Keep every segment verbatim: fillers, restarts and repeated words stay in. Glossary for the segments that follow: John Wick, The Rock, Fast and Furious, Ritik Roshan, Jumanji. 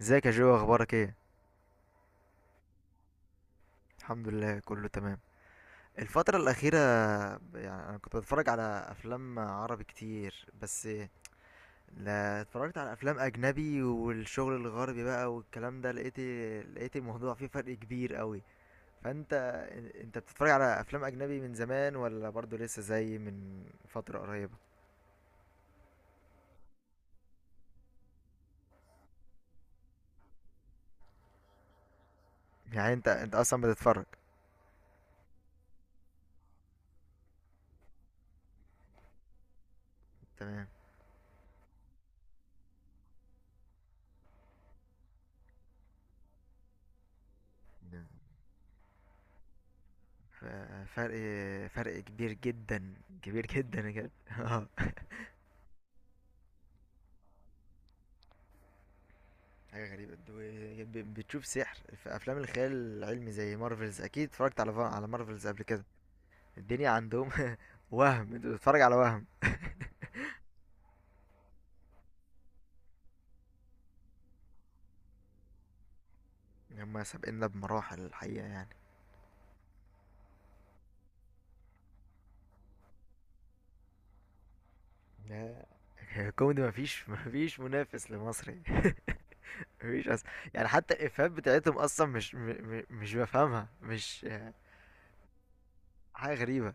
ازيك يا جو؟ اخبارك ايه؟ الحمد لله كله تمام. الفترة الأخيرة يعني أنا كنت بتفرج على أفلام عربي كتير، بس لا اتفرجت على أفلام أجنبي والشغل الغربي بقى والكلام ده، لقيت لقيت الموضوع فيه فرق كبير قوي. فأنت أنت بتتفرج على أفلام أجنبي من زمان، ولا برضو لسه زي من فترة قريبة؟ يعني أنت أنت أصلا بتتفرج. تمام. ف- فرق، فرق كبير جدا، كبير جدا بجد. حاجة غريبة، دو- ب- بتشوف سحر في أفلام الخيال العلمي زي مارفلز. أكيد اتفرجت على على مارفلز قبل كده. الدنيا عندهم وهم. أنت بتتفرج على وهم. هما سابقنا بمراحل الحقيقة يعني. لا، الكوميدي مفيش مفيش منافس لمصري. مفيش أصلا يعني. حتى الإفيهات بتاعتهم أصلا مش م... م... مش بفهمها، مش حاجة غريبة.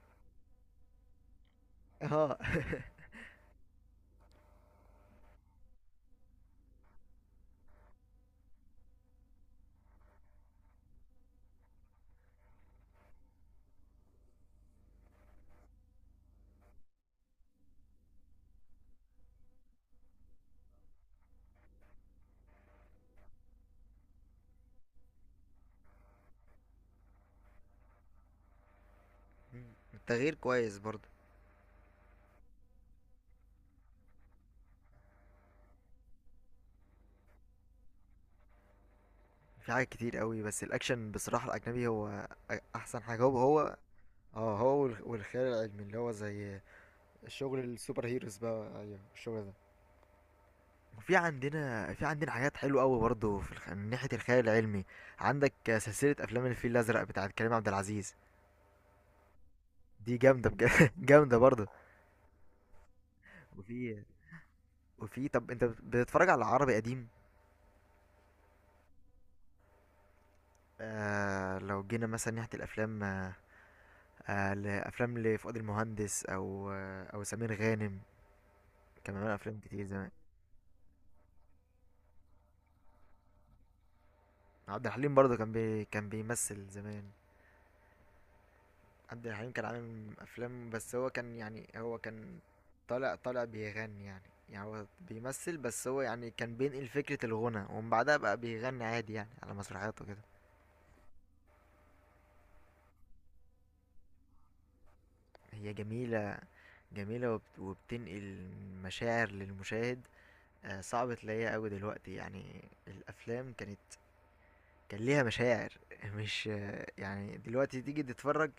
اه. التغيير كويس برضه. في حاجات كتير قوي، بس الأكشن بصراحة الأجنبي هو أ- أحسن حاجة. هو هو اه، هو والخ- والخيال العلمي اللي هو زي الشغل السوبر هيروز بقى. ايوه، الشغل ده. وفي عندنا في عندنا حاجات حلوه قوي برضه في الخ... من ناحيه الخيال العلمي. عندك سلسله افلام الفيل الازرق بتاعت كريم عبد العزيز. دي جامده بجد. جامده برضه. وفي وفي طب انت بتتفرج على عربي قديم؟ آه، لو جينا مثلا ناحيه الافلام، آه آه، لافلام لفؤاد المهندس او آه او سمير غانم. كان بيعمل افلام كتير زمان. عبد الحليم برضه كان بي... كان بيمثل زمان. عبد الحليم كان عامل افلام، بس هو كان يعني هو كان طالع طالع بيغني يعني. يعني هو بيمثل، بس هو يعني كان بينقل فكرة الغنى، ومن بعدها بقى بيغني عادي يعني على مسرحياته كده. هي جميلة، جميلة وبت- وبتنقل مشاعر للمشاهد. آه، صعب تلاقيها قوي دلوقتي يعني. الافلام كانت كان ليها مشاعر. مش آه، يعني دلوقتي تيجي تتفرج،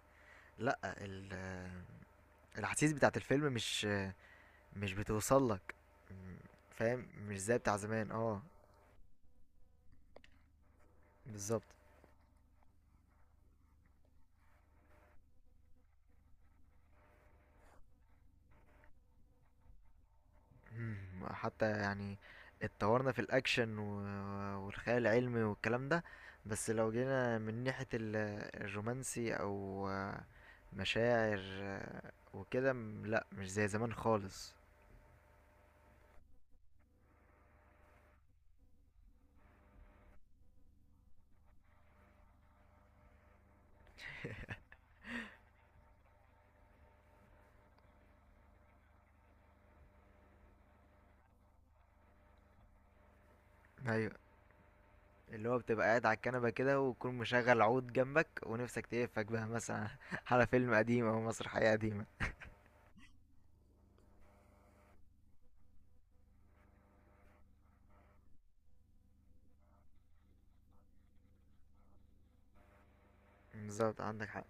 لا ال- آه، الاحاسيس بتاعت الفيلم مش مش بتوصل لك. فاهم؟ مش زي بتاع زمان. اه، بالظبط. مم، حتى يعني اتطورنا في الاكشن و- والخيال العلمي والكلام ده، بس لو جينا من ناحية ال- الرومانسي او آه، مشاعر آه، وكده م- لا، مش زي زمان خالص. ايوه، اللي هو بتبقى قاعد على الكنبة كده وتكون مشغل عود جنبك، ونفسك تقفك بقى مثلا على فيلم قديم او مسرحية قديمة. بالظبط، عندك حق.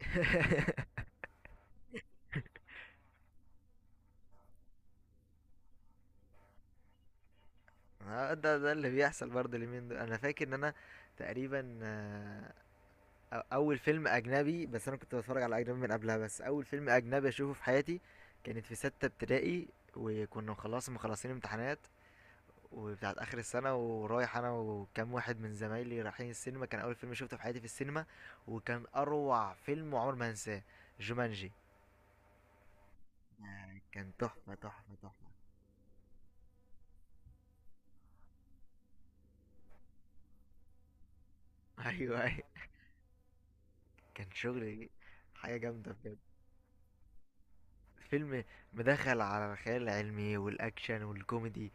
ها، ده ده اللي بيحصل برضه اليومين دول. انا فاكر ان انا تقريبا آه، أو- اول فيلم اجنبي، بس انا كنت بتفرج على اجنبي من قبلها، بس اول فيلم اجنبي اشوفه في حياتي كانت في ستة ابتدائي. وكنا خلاص مخلصين امتحانات وبتاعت اخر السنة، ورايح انا وكام واحد من زمايلي رايحين السينما. كان اول فيلم شفته في حياتي في السينما، وكان اروع فيلم وعمر ما هنساه، جومانجي. آه، كان تحفة، تحفة، تحفة. ايوه ايوه، كان شغل حاجة جامدة بجد. فيلم مدخل على الخيال العلمي والاكشن والكوميدي.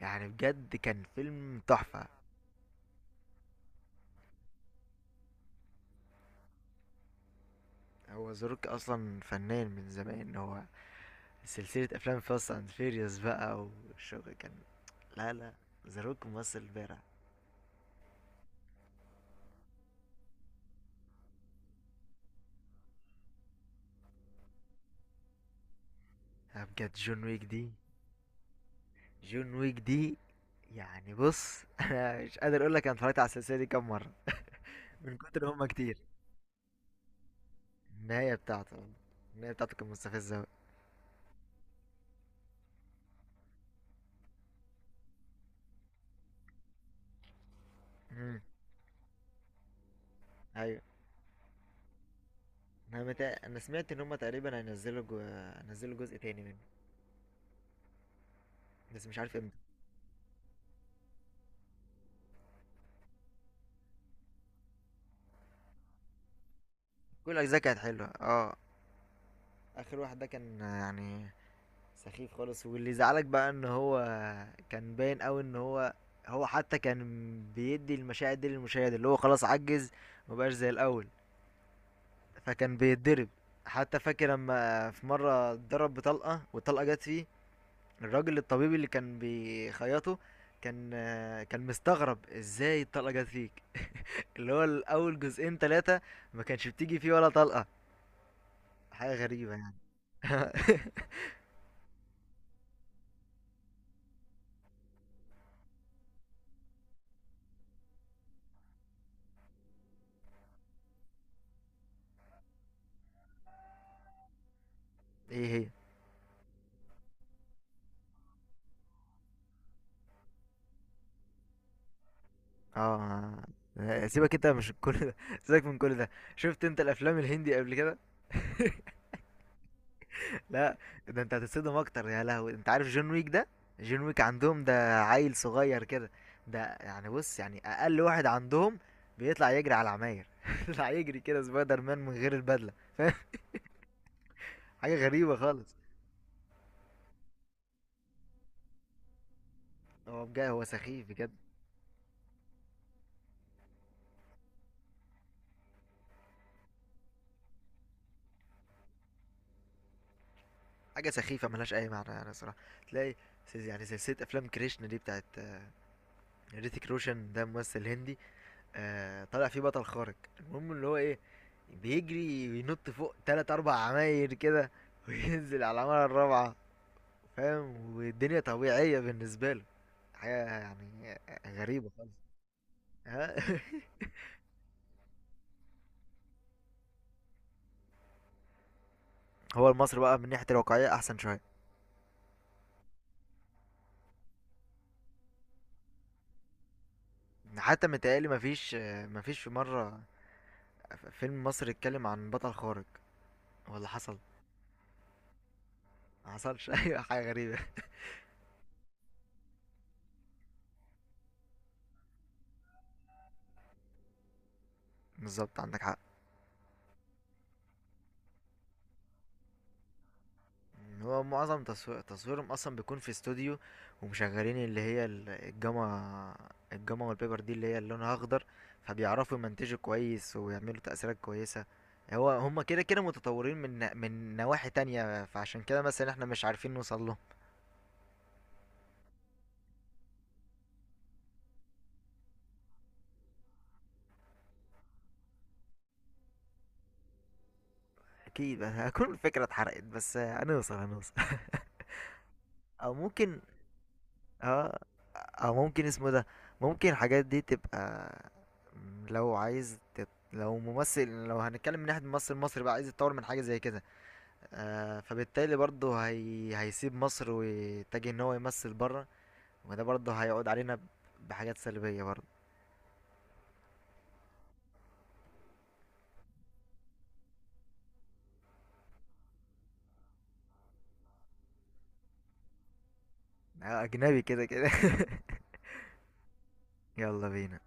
يعني بجد كان فيلم تحفة. هو ذا روك اصلا فنان من زمان هو. سلسلة افلام فاست اند فيريوس بقى والشغل، كان لا لا، ذا روك ممثل بارع. أنا بجد جون ويك دي، جون ويك دي يعني بص، انا مش قادر اقول لك انا اتفرجت على السلسلة دي كام مرة من كتر هما كتير. النهاية بتاعته، النهاية بتاعته كانت مستفزة أوي. امم. ايوه، انا متع... انا سمعت ان هم تقريبا هينزلوا جو... هينزلوا جزء تاني منه، بس مش عارف امتى. كل الاجزاء كانت حلوه، اه. اخر واحد ده كان يعني سخيف خالص، واللي زعلك بقى ان هو كان باين قوي ان هو، هو حتى كان بيدي المشاعر دي للمشاهد، اللي هو خلاص عجز، مبقاش زي الاول، فكان بيتضرب. حتى فاكر لما في مره اتضرب بطلقه والطلقه جت فيه، الراجل الطبيب اللي كان بيخيطه كان آه، كان مستغرب ازاي الطلقة جت فيك. اللي هو الاول جزئين ثلاثة ما كانش بتيجي فيه ولا طلقة. حاجة غريبة يعني. ايه هي. اه، سيبك انت مش كل ده، سيبك من كل ده. شفت انت الافلام الهندي قبل كده؟ لا، ده انت هتتصدم اكتر يا لهوي. انت عارف جون ويك ده؟ جون ويك عندهم ده عيل صغير كده. ده يعني بص، يعني اقل واحد عندهم بيطلع يجري على العماير. يطلع يجري كده سبايدر مان من غير البدله، فاهم؟ حاجه غريبه خالص. هو بجد هو سخيف بجد. حاجه سخيفه ملهاش اي معنى يعني صراحه. تلاقي سلس- يعني سلسله افلام كريشنا دي بتاعت آه، ريتيك روشن. ده ممثل هندي. آه، طلع فيه بطل خارق، المهم اللي هو ايه، بيجري وينط فوق تلات اربع عماير كده، وينزل على العمارة الرابعة. فاهم؟ والدنيا طبيعية بالنسبة له. حاجة يعني غريبة خالص. ها؟ هو المصري بقى من ناحية الواقعية أحسن شوية. حتى متهيألي مفيش آه، مفيش في مرة فيلم مصري اتكلم عن بطل خارق، ولا حصل، ما حصلش. أيوة، حاجة غريبة. بالظبط، عندك حق. هو معظم تصوير تصويرهم اصلا بيكون في استوديو، ومشغلين اللي هي ال- الجاما، الجاما والبيبر دي اللي هي لونها اخضر، فبيعرفوا يمنتجوا كويس ويعملوا تأثيرات كويسة. هو هما كده كده متطورين من من نواحي تانية، فعشان كده مثلا احنا مش عارفين نوصل له. اكيد هكون الفكرة اتحرقت، بس هنوصل، هنوصل. او ممكن، اه، او ممكن اسمه إيه ده، ممكن الحاجات دي تبقى، مم، لو عايز تت... لو ممثل، لو هنتكلم من ناحية ممثل مصري بقى عايز يتطور من حاجة زي كده، آه فبالتالي برضه هي... هيسيب مصر ويتجه ان هو يمثل بره. وده برضه هيعود علينا ب- بحاجات سلبية برضه. آه، اجنبي كده كده. يلا بينا.